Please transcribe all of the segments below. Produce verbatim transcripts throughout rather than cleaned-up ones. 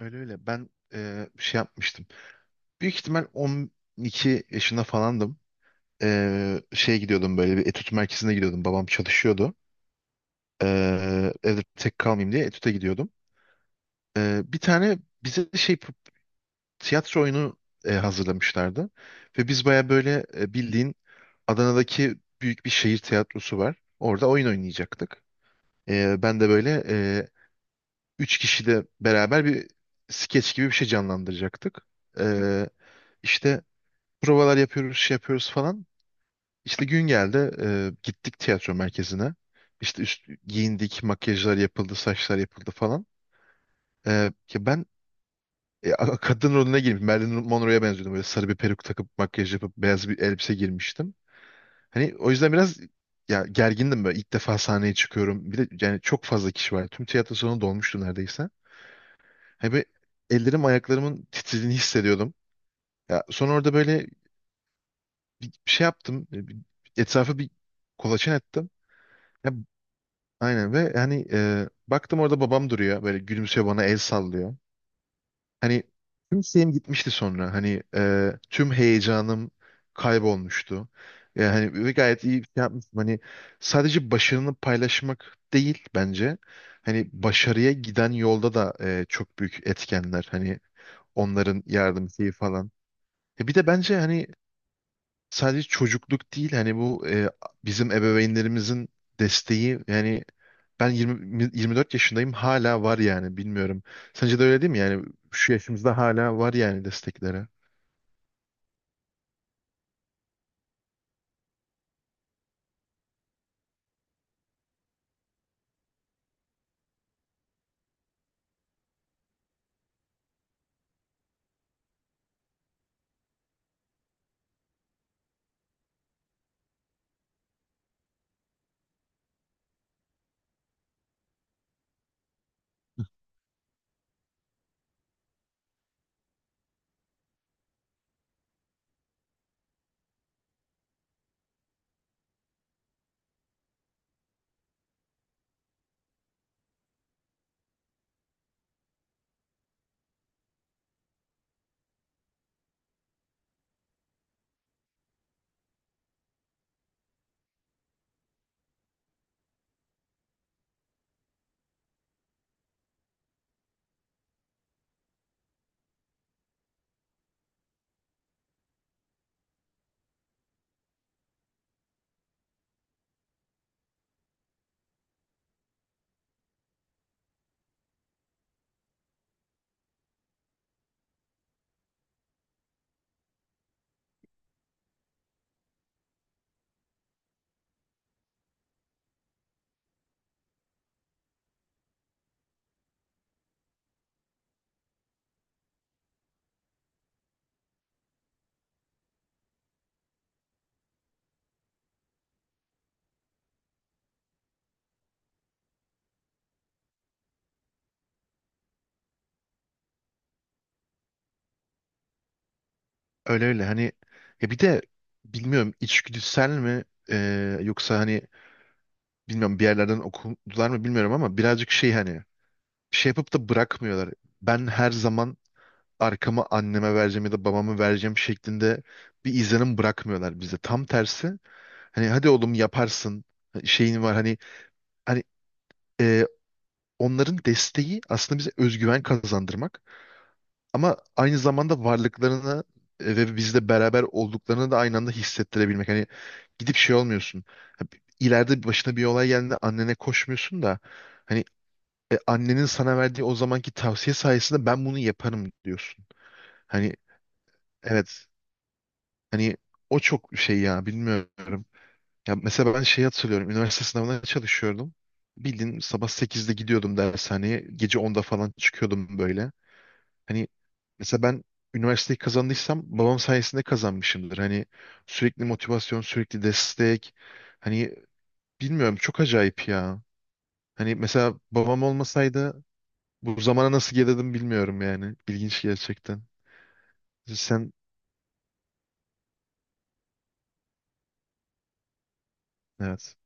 Öyle öyle. Ben eee, bir şey yapmıştım. Büyük ihtimal on iki yaşında falandım. Eee şeye gidiyordum böyle bir etüt merkezine gidiyordum. Babam çalışıyordu. Eee, evde tek kalmayayım diye etüte gidiyordum. Eee, bir tane bize şey tiyatro oyunu eee, hazırlamışlardı. Ve biz baya böyle e, bildiğin Adana'daki büyük bir şehir tiyatrosu var. Orada oyun oynayacaktık. Eee, ben de böyle eee üç kişi de beraber bir skeç gibi bir şey canlandıracaktık. Eee işte provalar yapıyoruz, şey yapıyoruz falan. İşte gün geldi, e, gittik tiyatro merkezine. İşte üst, giyindik, makyajlar yapıldı, saçlar yapıldı falan. E, ki ben e, a- kadın rolüne girmiş, Marilyn Monroe'ya benziyordum. Böyle sarı bir peruk takıp, makyaj yapıp, beyaz bir elbise girmiştim. Hani o yüzden biraz ya gergindim böyle. İlk defa sahneye çıkıyorum. Bir de yani çok fazla kişi var. Tüm tiyatro salonu dolmuştu neredeyse. Hani böyle ellerim, ayaklarımın titrediğini hissediyordum. Ya sonra orada böyle bir şey yaptım. Bir- bir- Etrafı bir kolaçan ettim. Ya, aynen ve hani e, baktım orada babam duruyor böyle gülümsüyor bana el sallıyor. Hani tüm şeyim gitmişti sonra hani e, tüm heyecanım kaybolmuştu. Yani hani ve gayet iyi bir şey yapmıştım. Hani sadece başarını paylaşmak değil bence. Hani başarıya giden yolda da e, çok büyük etkenler. Hani onların yardım şeyi falan. E bir de bence hani sadece çocukluk değil hani bu e, bizim ebeveynlerimizin desteği yani ben yirmi, yirmi dört yaşındayım hala var yani bilmiyorum. Sence de öyle değil mi yani şu yaşımızda hala var yani destekleri. Öyle öyle hani ya bir de bilmiyorum içgüdüsel mi e, yoksa hani bilmiyorum bir yerlerden okudular mı bilmiyorum ama birazcık şey hani bir şey yapıp da bırakmıyorlar. Ben her zaman arkamı anneme vereceğim ya da babamı vereceğim şeklinde bir izlenim bırakmıyorlar bize. Tam tersi hani hadi oğlum yaparsın şeyin var hani hani e, onların desteği aslında bize özgüven kazandırmak ama aynı zamanda varlıklarını e, ve bizle beraber olduklarını da aynı anda hissettirebilmek. Hani gidip şey olmuyorsun. Ha, bi- Başına bir olay geldiğinde annene koşmuyorsun da hani e, annenin sana verdiği o zamanki tavsiye sayesinde ben bunu yaparım diyorsun. Hani evet. Hani o çok şey ya, bilmiyorum. Ya mesela ben şey hatırlıyorum. Üniversite sınavına çalışıyordum. Bildiğin sabah sekizde gidiyordum dershaneye. Gece onda falan çıkıyordum böyle. Hani mesela ben üniversiteyi kazandıysam babam sayesinde kazanmışımdır. Hani sürekli motivasyon, sürekli destek. Hani bilmiyorum çok acayip ya. Hani mesela babam olmasaydı bu zamana nasıl gelirdim bilmiyorum yani. İlginç gerçekten. Sen evet.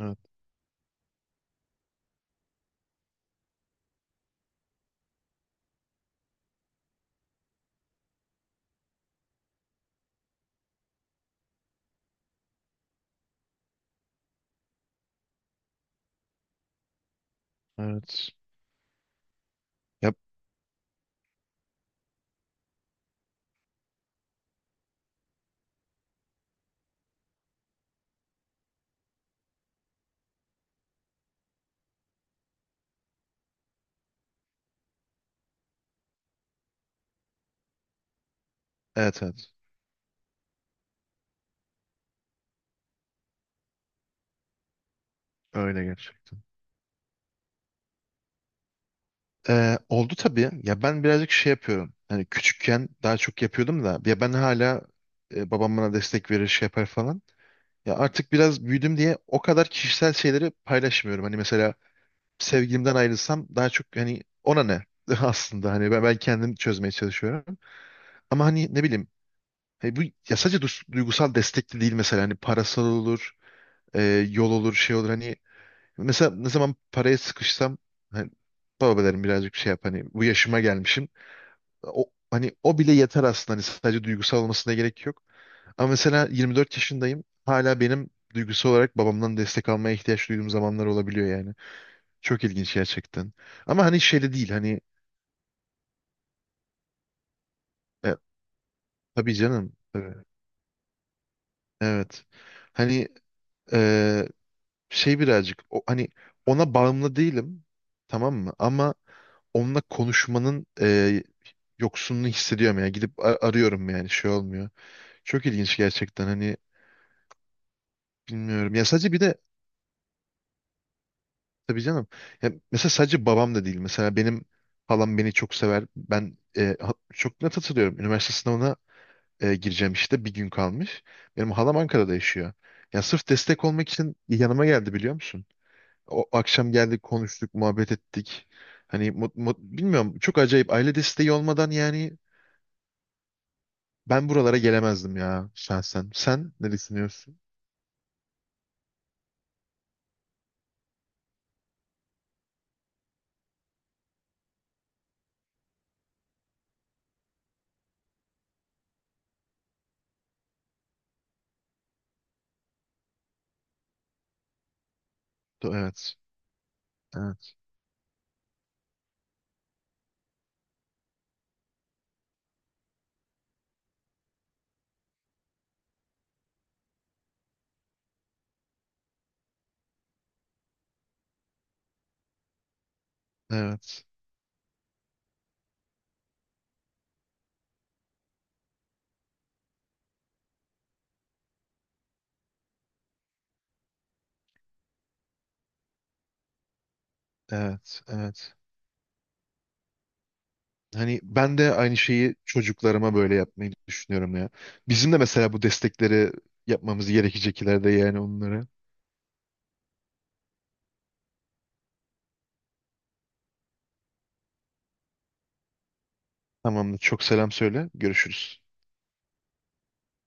Evet, evet. Yap, evet, evet. Öyle gerçekten. Ee, oldu tabii. Ya ben birazcık şey yapıyorum. Hani küçükken daha çok yapıyordum da. Ya ben hala e, babam bana destek verir şey yapar falan. Ya artık biraz büyüdüm diye o kadar kişisel şeyleri paylaşmıyorum. Hani mesela sevgilimden ayrılsam daha çok hani ona ne aslında hani ben, ben kendim çözmeye çalışıyorum. Ama hani ne bileyim hani bu ya sadece dus- duygusal destek de değil mesela hani parasal olur, e, yol olur, şey olur hani mesela ne zaman paraya sıkışsam hani baba derim birazcık şey yap hani bu yaşıma gelmişim. O, hani o bile yeter aslında. Hani sadece duygusal olmasına gerek yok. Ama mesela yirmi dört yaşındayım. Hala benim duygusal olarak babamdan destek almaya ihtiyaç duyduğum zamanlar olabiliyor yani. Çok ilginç gerçekten. Ama hani şeyde değil hani e, tabii canım. Tabii. Evet. Hani e, şey birazcık o, hani ona bağımlı değilim. Tamam mı? Ama onunla konuşmanın e, yoksunluğu hissediyorum yani. Gidip a- arıyorum yani şey olmuyor. Çok ilginç gerçekten hani bilmiyorum. Ya sadece bir de tabii canım. Ya mesela sadece babam da değil. Mesela benim halam beni çok sever. Ben e, ha- çok net hatırlıyorum. Üniversite sınavına e, gireceğim işte bir gün kalmış. Benim halam Ankara'da yaşıyor. Ya sırf destek olmak için yanıma geldi biliyor musun? O akşam geldik, konuştuk, muhabbet ettik. Hani mut, mut- bilmiyorum çok acayip aile desteği olmadan yani ben buralara gelemezdim ya şahsen. Sen ne düşünüyorsun? Do- Evet. Evet. Evet. Evet. Evet. Hani ben de aynı şeyi çocuklarıma böyle yapmayı düşünüyorum ya. Bizim de mesela bu destekleri yapmamız gerekecek ileride yani onlara. Tamamdır. Çok selam söyle. Görüşürüz.